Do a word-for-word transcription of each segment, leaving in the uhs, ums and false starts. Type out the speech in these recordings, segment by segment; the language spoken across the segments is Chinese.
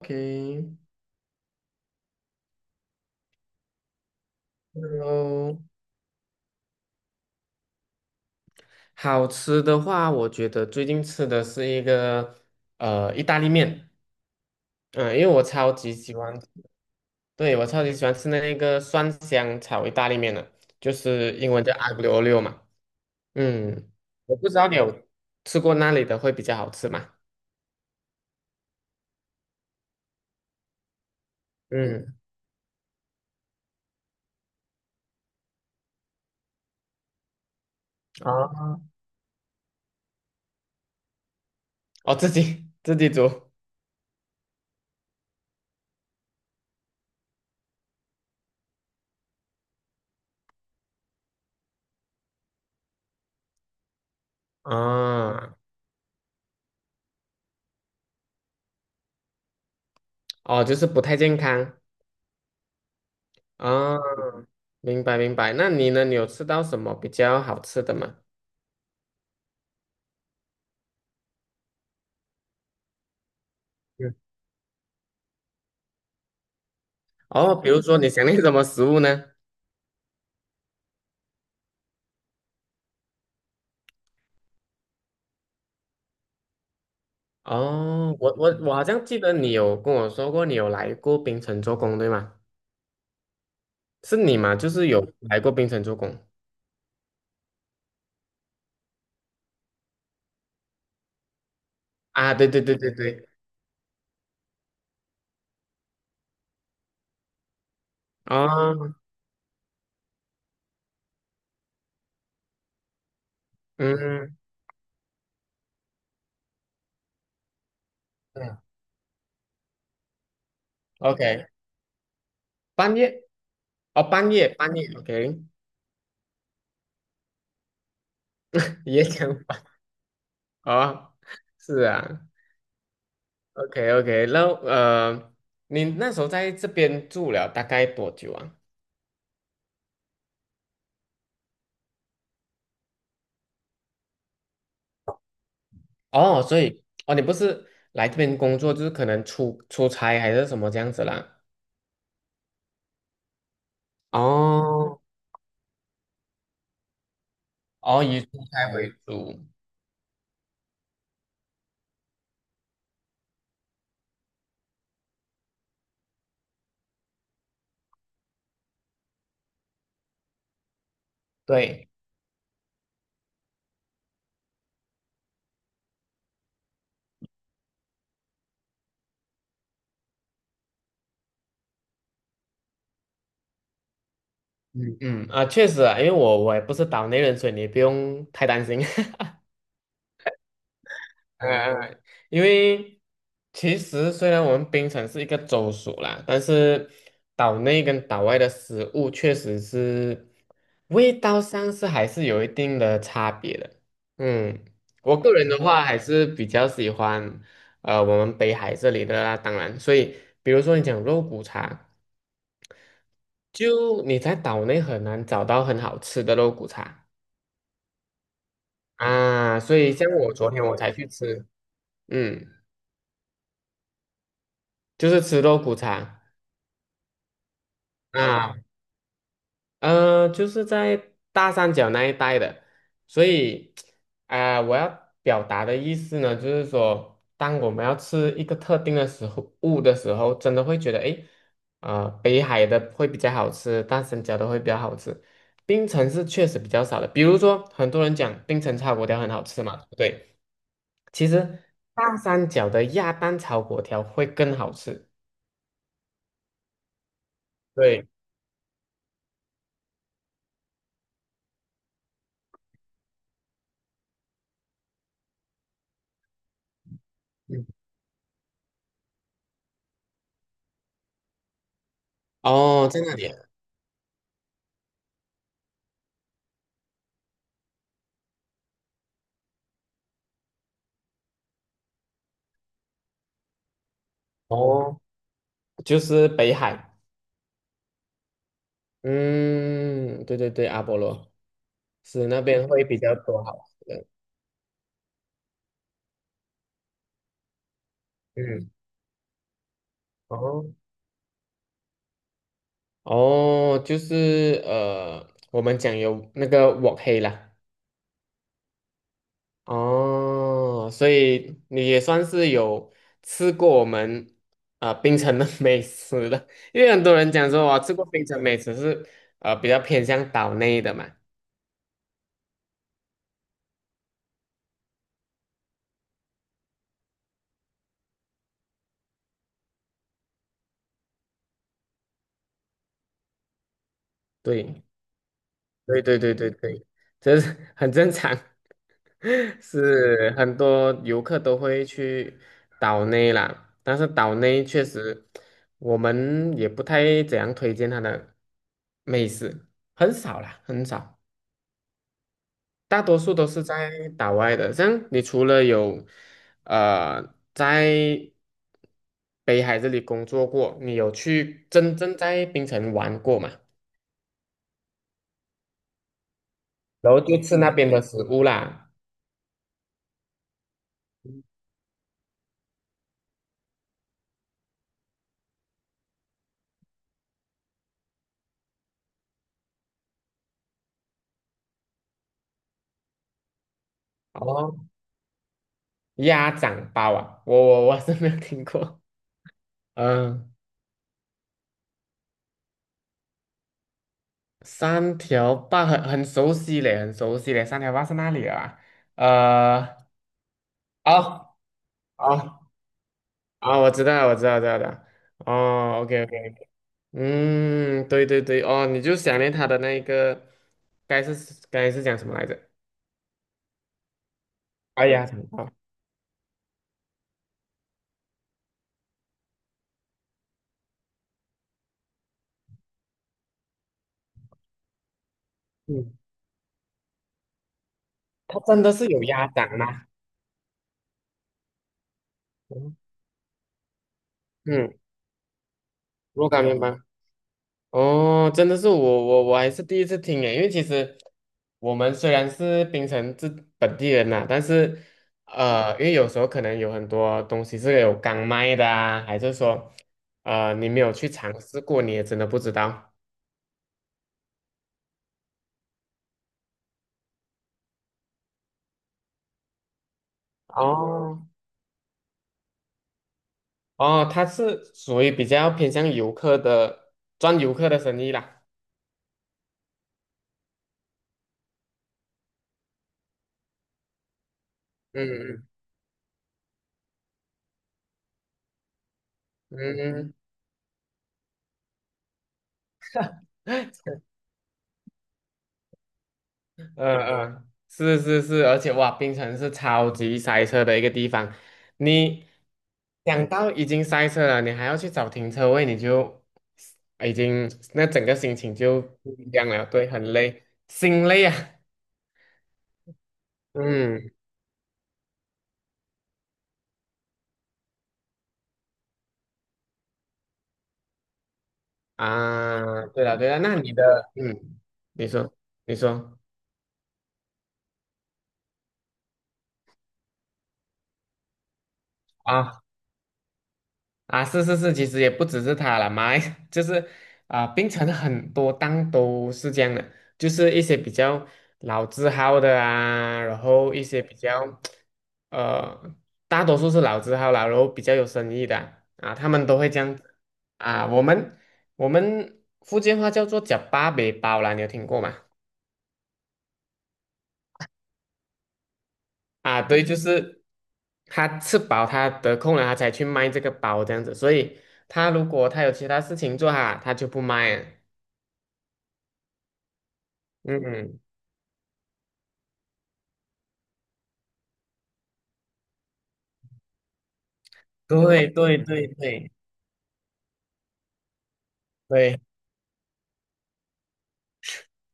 OK，然后好吃的话，我觉得最近吃的是一个呃意大利面，嗯、因为我超级喜欢，对，我超级喜欢吃那个蒜香炒意大利面的，就是英文叫 aglio o l i 嘛，嗯，我不知道你有吃过那里的会比较好吃嘛，嗯，哦，哦，自己自己煮，啊，哦，就是不太健康，啊，明白明白，那你呢？你有吃到什么比较好吃的吗？哦，比如说你想念什么食物呢？哦，我我我好像记得你有跟我说过，你有来过槟城做工，对吗？是你吗？就是有来过槟城做工啊？对对对对对，哦，嗯嗯，OK，半夜哦，半夜半夜，OK，也想哦，是啊，OK OK，那呃，你那时候在这边住了大概多久啊？哦，所以哦，你不是来这边工作，就是可能出出差还是什么这样子啦？哦哦，以蔬菜为主。对，嗯嗯啊，确实啊，因为我我也不是岛内人，所以你不用太担心。嗯嗯因为其实虽然我们槟城是一个州属啦，但是岛内跟岛外的食物确实是味道上是还是有一定的差别的。嗯，我个人的话还是比较喜欢呃我们北海这里的啦，当然，所以比如说你讲肉骨茶。就你在岛内很难找到很好吃的肉骨茶啊，所以像我昨天我才去吃，嗯，就是吃肉骨茶啊，呃，就是在大三角那一带的，所以啊、我要表达的意思呢，就是说，当我们要吃一个特定的食物的时候，真的会觉得，诶，呃，北海的会比较好吃，大三角的会比较好吃，槟城是确实比较少的，比如说很多人讲槟城炒粿条很好吃嘛，对不对？其实大三角的鸭蛋炒粿条会更好吃。对，嗯哦，在那里啊哦，就是北海。嗯，对对对，阿波罗是那边会比较多好吃的。嗯，哦哦，就是呃，我们讲有那个锅黑啦。哦，所以你也算是有吃过我们啊、呃槟城的 美食了，因为很多人讲说我吃过槟城美食是呃比较偏向岛内的嘛，对，对对对对对，这是很正常，是很多游客都会去岛内啦，但是岛内确实我们也不太怎样推荐它的美食，很少啦，很少。大多数都是在岛外的，像你除了有呃在北海这里工作过，你有去真正在槟城玩过吗？然后就吃那边的食物啦，哦，鸭掌包啊，我我我是没有听过，嗯，三条坝很很熟悉嘞，很熟悉嘞，三条坝是哪里啊？呃，哦哦哦，我知道了，我知道，知道的，哦，OK OK。嗯，对对对，哦，你就想念他的那一个，该是该是讲什么来着？哎呀，想不到嗯，他真的是有鸭掌吗？嗯，嗯若干面吗？哦，真的是我我我还是第一次听诶，因为其实我们虽然是槟城这本地人呐、但是呃，因为有时候可能有很多东西是有刚卖的啊，还是说呃你没有去尝试过，你也真的不知道。哦哦，它是属于比较偏向游客的，赚游客的生意啦。嗯嗯嗯，嗯嗯，是是是，而且哇，槟城是超级塞车的一个地方。你想到已经塞车了，你还要去找停车位，你就已经那整个心情就不一样了，对，很累，心累啊。嗯啊，对了对了，那你的嗯，你说你说啊。啊，是是是，其实也不只是他了，马来 就是啊、槟城很多档都是这样的，就是一些比较老字号的啊，然后一些比较呃，大多数是老字号啦，然后比较有生意的啊，啊他们都会这样子啊。我们我们福建话叫做“叫八北包”啦，你有听过吗？啊，对，就是他吃饱，他得空了，他才去卖这个包这样子。所以他如果他有其他事情做哈，他就不卖啊嗯，对对对对对，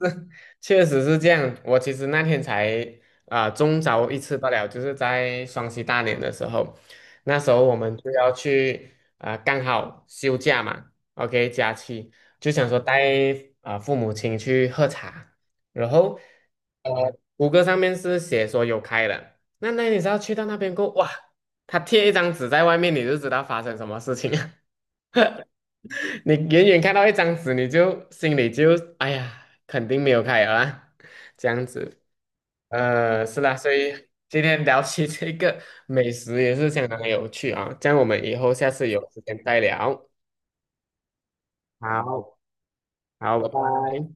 是确实是这样。我其实那天才啊、中招一次罢了，就是在双十大年的时候，那时候我们就要去啊、刚好休假嘛，OK 假期，就想说带啊、父母亲去喝茶，然后呃谷歌上面是写说有开的，那那你知道去到那边过后哇，他贴一张纸在外面，你就知道发生什么事情啊你远远看到一张纸，你就心里就哎呀，肯定没有开了啊，这样子。呃，是啦，所以今天聊起这个美食也是相当有趣啊，这样我们以后下次有时间再聊。好，好，拜拜。